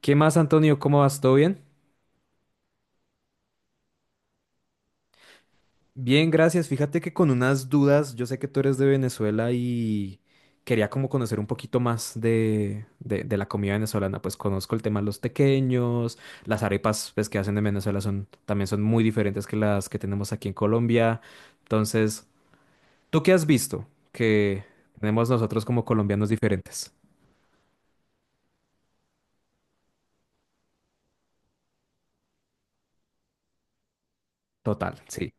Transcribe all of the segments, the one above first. ¿Qué más, Antonio? ¿Cómo vas? ¿Todo bien? Bien, gracias. Fíjate que con unas dudas, yo sé que tú eres de Venezuela y quería como conocer un poquito más de la comida venezolana. Pues conozco el tema de los tequeños, las arepas pues, que hacen en Venezuela son, también son muy diferentes que las que tenemos aquí en Colombia. Entonces, ¿tú qué has visto que tenemos nosotros como colombianos diferentes? Total, sí.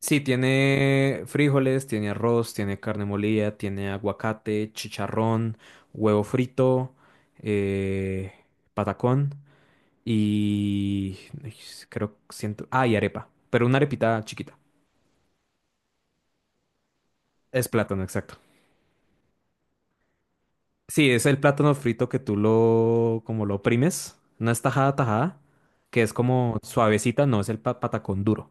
Sí, tiene frijoles, tiene arroz, tiene carne molida, tiene aguacate, chicharrón, huevo frito, eh, patacón y ay, creo siento, ah, y arepa, pero una arepita chiquita. Es plátano, exacto. Sí, es el plátano frito que tú lo como lo oprimes, no es tajada tajada, que es como suavecita, no es el patacón duro.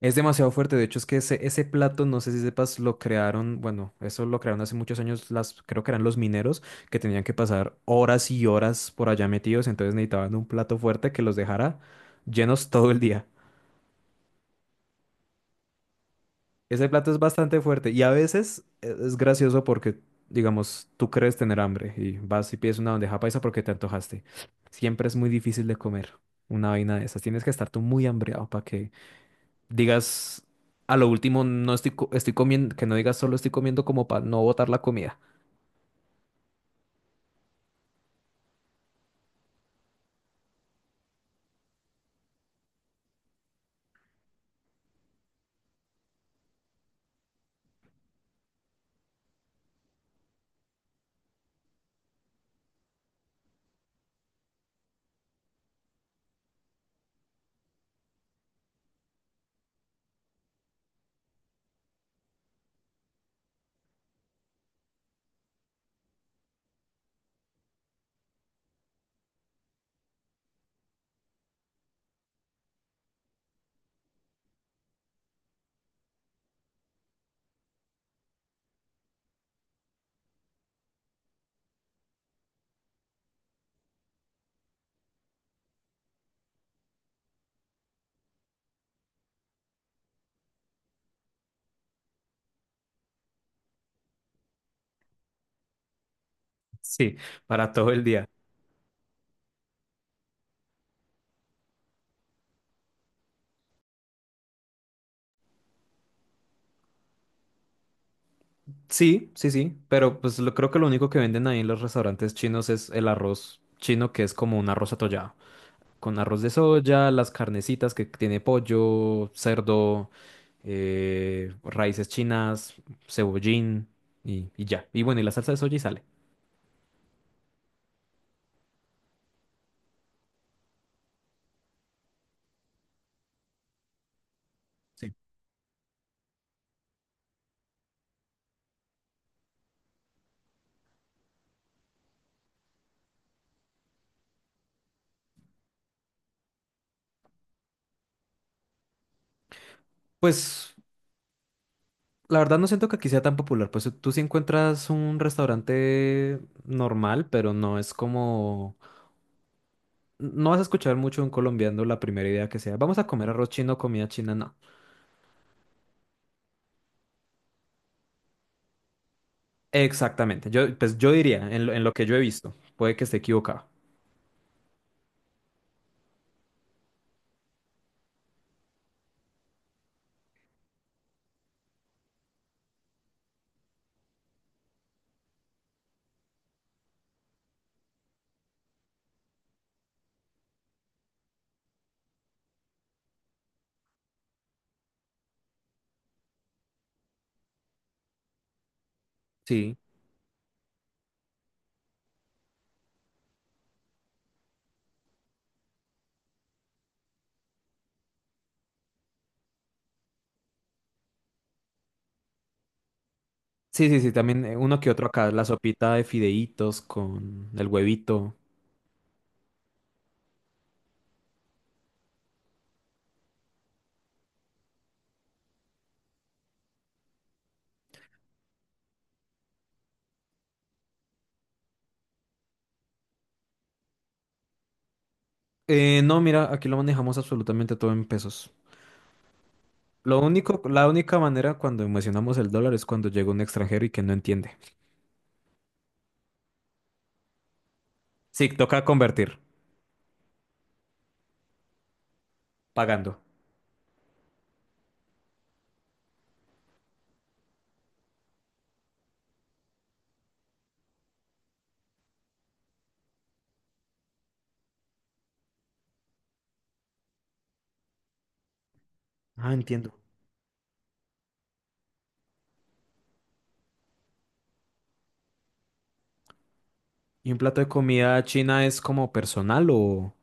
Es demasiado fuerte, de hecho es que ese plato, no sé si sepas, lo crearon, bueno, eso lo crearon hace muchos años, las, creo que eran los mineros que tenían que pasar horas y horas por allá metidos, entonces necesitaban un plato fuerte que los dejara llenos todo el día. Ese plato es bastante fuerte y a veces es gracioso porque, digamos, tú crees tener hambre y vas y pides una bandeja paisa porque te antojaste. Siempre es muy difícil de comer una vaina de esas, tienes que estar tú muy hambreado para que digas a lo último, no estoy, estoy comiendo, que no digas solo estoy comiendo como para no botar la comida. Sí, para todo el día. Sí, sí, sí, pero pues lo, creo que lo único que venden ahí en los restaurantes chinos es el arroz chino, que es como un arroz atollado, con arroz de soya, las carnecitas que tiene pollo, cerdo, raíces chinas, cebollín y ya. Y bueno, y la salsa de soya y sale. Pues la verdad no siento que aquí sea tan popular, pues tú sí encuentras un restaurante normal, pero no es como... No vas a escuchar mucho un colombiano la primera idea que sea, vamos a comer arroz chino, comida china, no. Exactamente, yo, pues yo diría, en en lo que yo he visto, puede que esté equivocado. Sí, sí, sí, sí, también uno que otro acá, la sopita de fideitos con el huevito. No, mira, aquí lo manejamos absolutamente todo en pesos. Lo único, la única manera cuando mencionamos el dólar es cuando llega un extranjero y que no entiende. Sí, toca convertir, pagando. Ah, entiendo. ¿Y un plato de comida china es como personal o,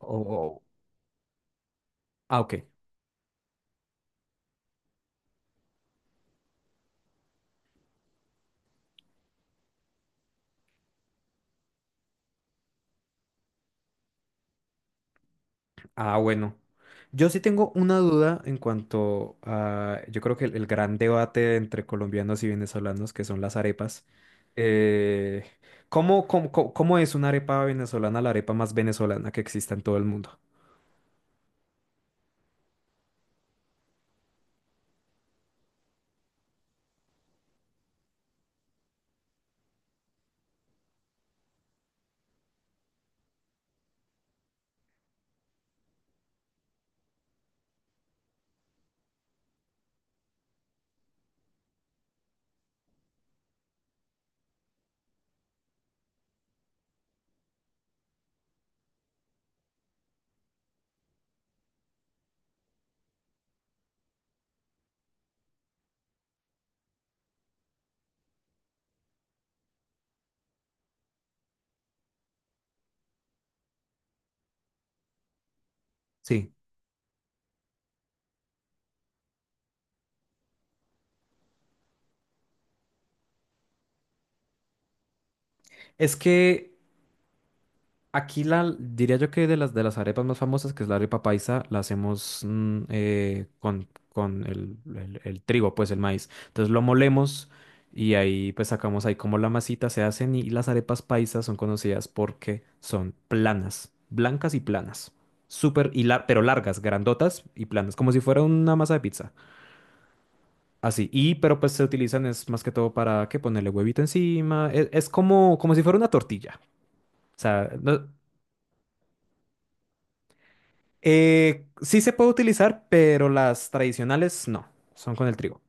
o- o- ah, ok. Ah, bueno. Yo sí tengo una duda en cuanto a, yo creo que el gran debate entre colombianos y venezolanos, que son las arepas. Eh, ¿Cómo, cómo, cómo es una arepa venezolana, la arepa más venezolana que exista en todo el mundo? Sí. Es que aquí la, diría yo que de las arepas más famosas, que es la arepa paisa, la hacemos con el, el trigo, pues el maíz. Entonces lo molemos y ahí pues sacamos ahí como la masita se hacen y las arepas paisas son conocidas porque son planas, blancas y planas. Súper, y pero largas, grandotas y planas, como si fuera una masa de pizza. Así, y pero pues se utilizan es más que todo para que ponerle huevito encima, es, como, como si fuera una tortilla. O sea, eh, sí se puede utilizar, pero las tradicionales no, son con el trigo.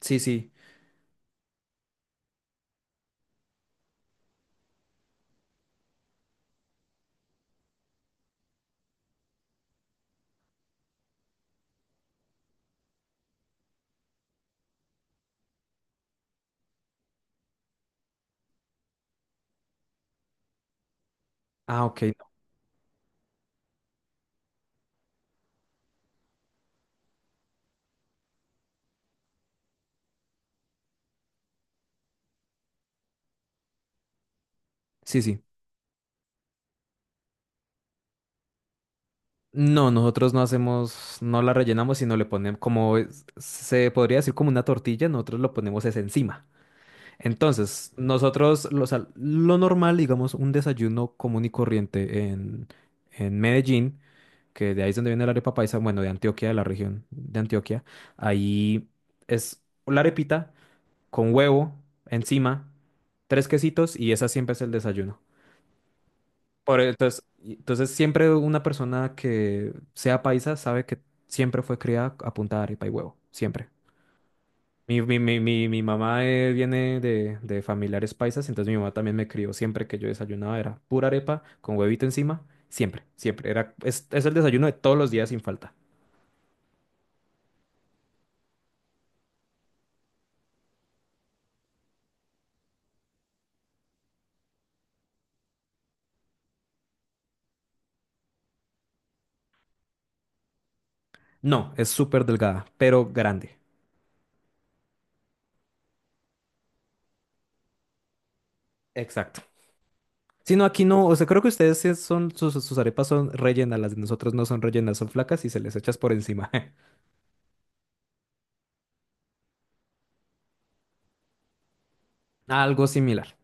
Sí, sí. Ah, ok, no. Sí, sí. No, nosotros no hacemos, no la rellenamos, sino le ponemos como se podría decir como una tortilla, nosotros lo ponemos es encima. Entonces, nosotros, lo, o sea, lo normal, digamos, un desayuno común y corriente en Medellín, que de ahí es donde viene la arepa paisa, bueno, de Antioquia, de la región de Antioquia, ahí es la arepita con huevo encima, tres quesitos y esa siempre es el desayuno. Por, e, entonces, entonces, siempre una persona que sea paisa sabe que siempre fue criada a punta de arepa y huevo, siempre. Mi mamá viene de familiares paisas, entonces mi mamá también me crió siempre que yo desayunaba, era pura arepa con huevito encima, siempre, siempre. Era, es el desayuno de todos los días sin falta. No, es súper delgada, pero grande. Exacto. Sí, no, aquí no, o sea, creo que ustedes sí son, sus, sus arepas son rellenas, las de nosotros no son rellenas, son flacas y se les echas por encima. Algo similar.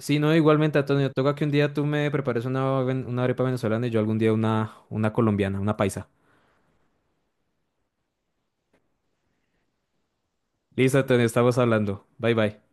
Sí, no, igualmente, Antonio, toca que un día tú me prepares una, una arepa venezolana y yo algún día una colombiana, una paisa. Listo, Antonio, estamos hablando. Bye, bye.